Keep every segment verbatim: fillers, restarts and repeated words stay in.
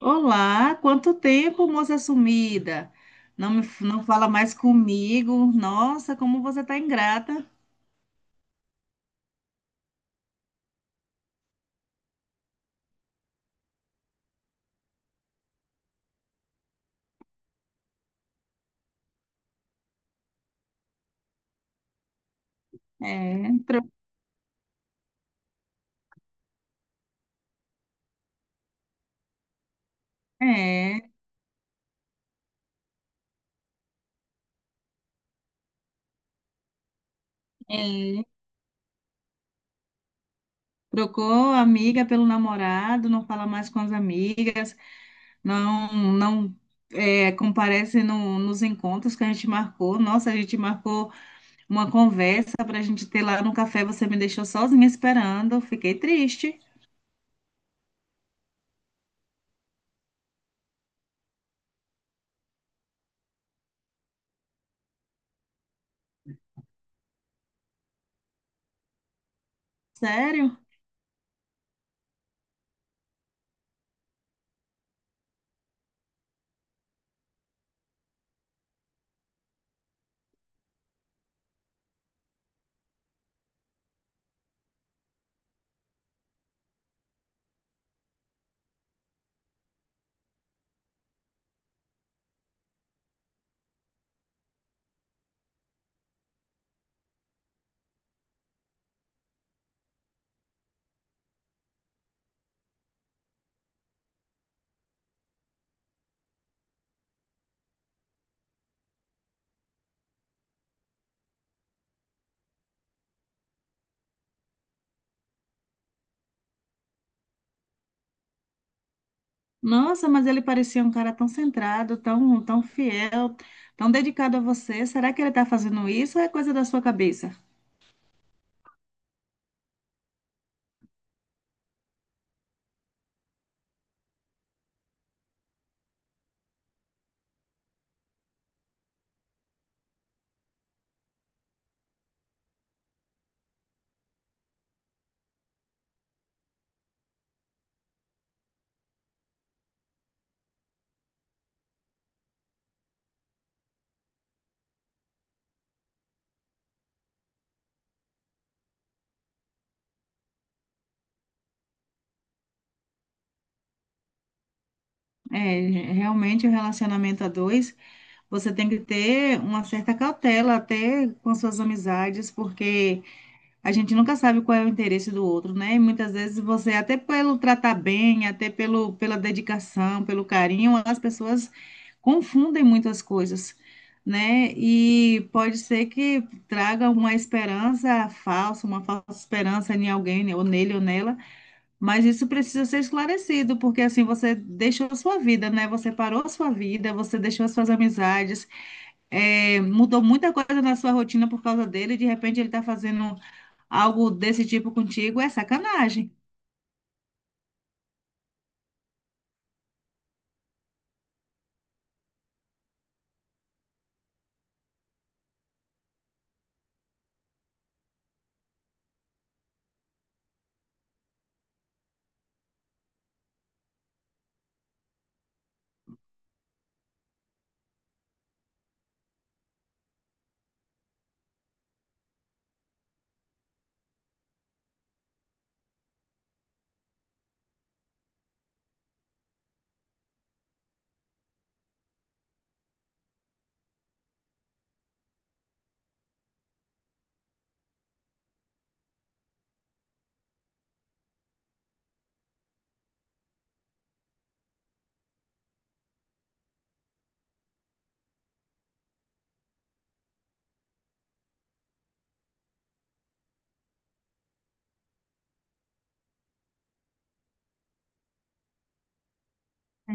Olá, quanto tempo, moça sumida? Não me, não fala mais comigo. Nossa, como você tá ingrata. É, tro- é, é. Trocou a amiga pelo namorado, não fala mais com as amigas, não, não é, comparece no- nos encontros que a gente marcou. Nossa, a gente marcou uma conversa para a gente ter lá no café. Você me deixou sozinha esperando, fiquei triste. Sério? Nossa, mas ele parecia um cara tão centrado, tão, tão fiel, tão dedicado a você. Será que ele está fazendo isso ou é coisa da sua cabeça? É, realmente o relacionamento a dois, você tem que ter uma certa cautela até com suas amizades, porque a gente nunca sabe qual é o interesse do outro, né? E muitas vezes você, até pelo tratar bem, até pelo, pela dedicação, pelo carinho, as pessoas confundem muitas coisas, né? E pode ser que traga uma esperança falsa, uma falsa esperança em alguém, né? ou nele ou nela, mas isso precisa ser esclarecido, porque assim você deixou a sua vida, né? Você parou a sua vida, você deixou as suas amizades, eh, mudou muita coisa na sua rotina por causa dele, e de repente ele está fazendo algo desse tipo contigo é sacanagem. É.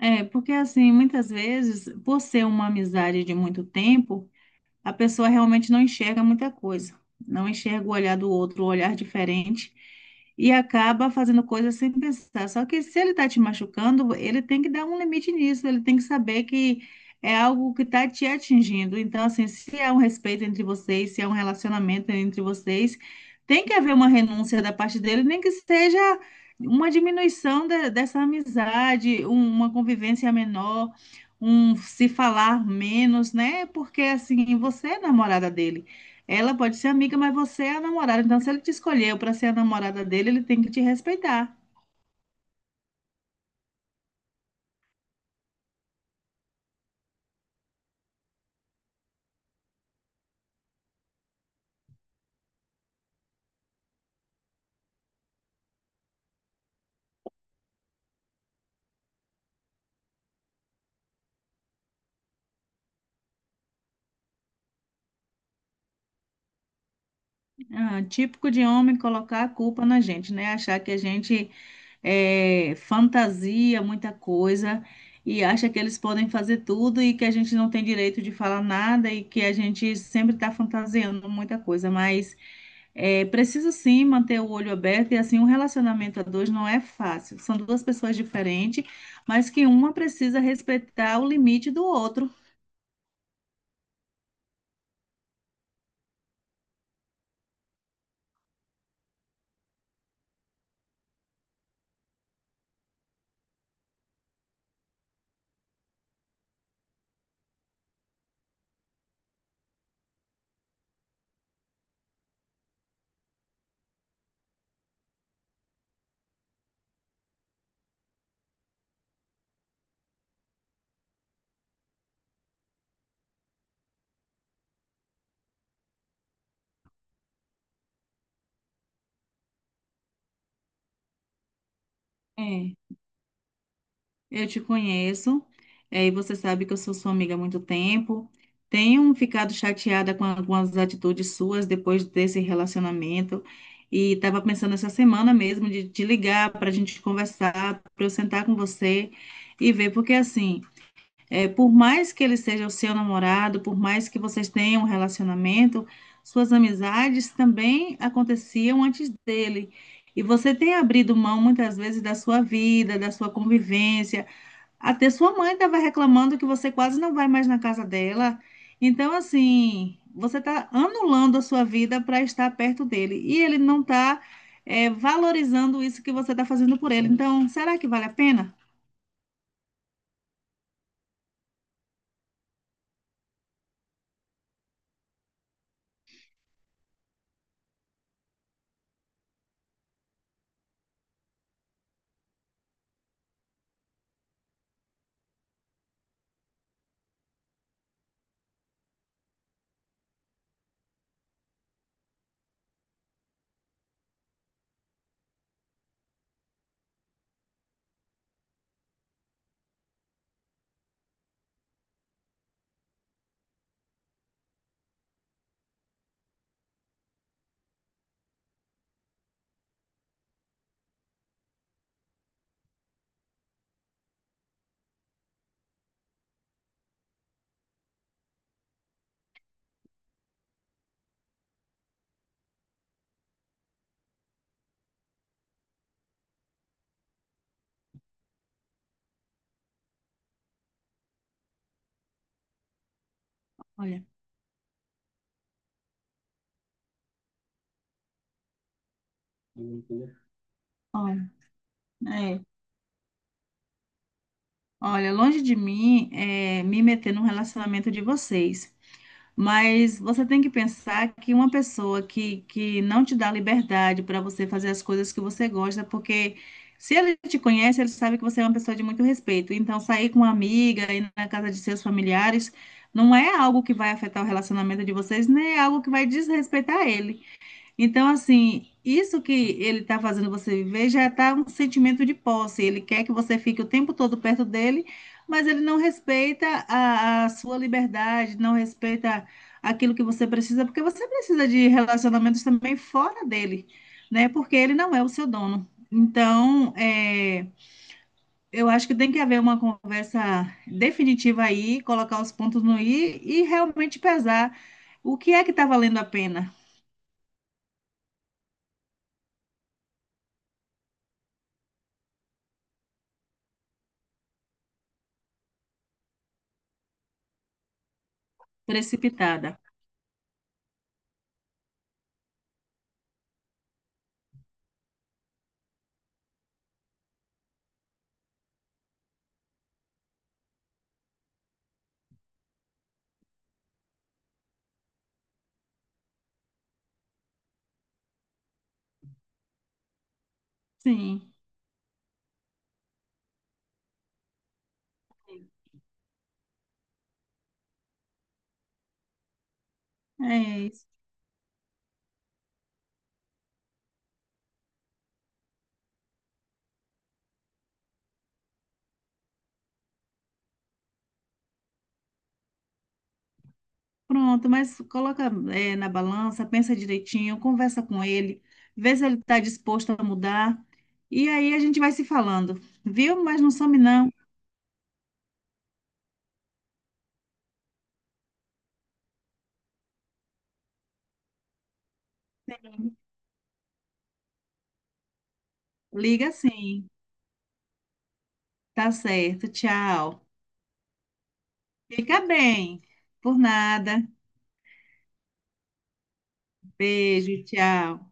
É, porque assim, muitas vezes, por ser uma amizade de muito tempo, a pessoa realmente não enxerga muita coisa, não enxerga o olhar do outro, o olhar diferente, e acaba fazendo coisas sem pensar. Só que se ele está te machucando, ele tem que dar um limite nisso, ele tem que saber que é algo que está te atingindo. Então, assim, se há um respeito entre vocês, se há um relacionamento entre vocês, tem que haver uma renúncia da parte dele, nem que seja. Uma diminuição de- dessa amizade, um- uma convivência menor, um se falar menos, né? Porque assim, você é namorada dele. Ela pode ser amiga, mas você é a namorada. Então, se ele te escolheu para ser a namorada dele, ele tem que te respeitar. Ah, típico de homem colocar a culpa na gente, né? Achar que a gente é, fantasia muita coisa e acha que eles podem fazer tudo e que a gente não tem direito de falar nada e que a gente sempre está fantasiando muita coisa. Mas é, precisa sim manter o olho aberto, e assim um relacionamento a dois não é fácil. São duas pessoas diferentes, mas que uma precisa respeitar o limite do outro. É, eu te conheço, é, e você sabe que eu sou sua amiga há muito tempo. Tenho ficado chateada com algumas atitudes suas depois desse relacionamento e estava pensando essa semana mesmo de te ligar para a gente conversar, para eu sentar com você e ver, porque assim. É, por mais que ele seja o seu namorado, por mais que vocês tenham um relacionamento, suas amizades também aconteciam antes dele. E você tem abrido mão muitas vezes da sua vida, da sua convivência. Até sua mãe estava reclamando que você quase não vai mais na casa dela. Então, assim, você está anulando a sua vida para estar perto dele. E ele não está valorizando isso que você está fazendo por ele. Então, será que vale a pena? Olha, olha. É. Olha, longe de mim é me meter num relacionamento de vocês, mas você tem que pensar que uma pessoa que, que não te dá liberdade para você fazer as coisas que você gosta, porque se ele te conhece, ele sabe que você é uma pessoa de muito respeito. Então, sair com uma amiga, ir na casa de seus familiares, não é algo que vai afetar o relacionamento de vocês, nem é algo que vai desrespeitar ele. Então, assim, isso que ele está fazendo você viver já está um sentimento de posse. Ele quer que você fique o tempo todo perto dele, mas ele não respeita a, a sua liberdade, não respeita aquilo que você precisa, porque você precisa de relacionamentos também fora dele, né? Porque ele não é o seu dono. Então, é, eu acho que tem que haver uma conversa definitiva aí, colocar os pontos no i e realmente pesar o que é que está valendo a pena, precipitada. Sim. É isso. Pronto, mas coloca, é, na balança, pensa direitinho, conversa com ele, vê se ele está disposto a mudar. E aí a gente vai se falando, viu? Mas não some não. Liga sim. Tá certo. Tchau. Fica bem. Por nada. Beijo, tchau.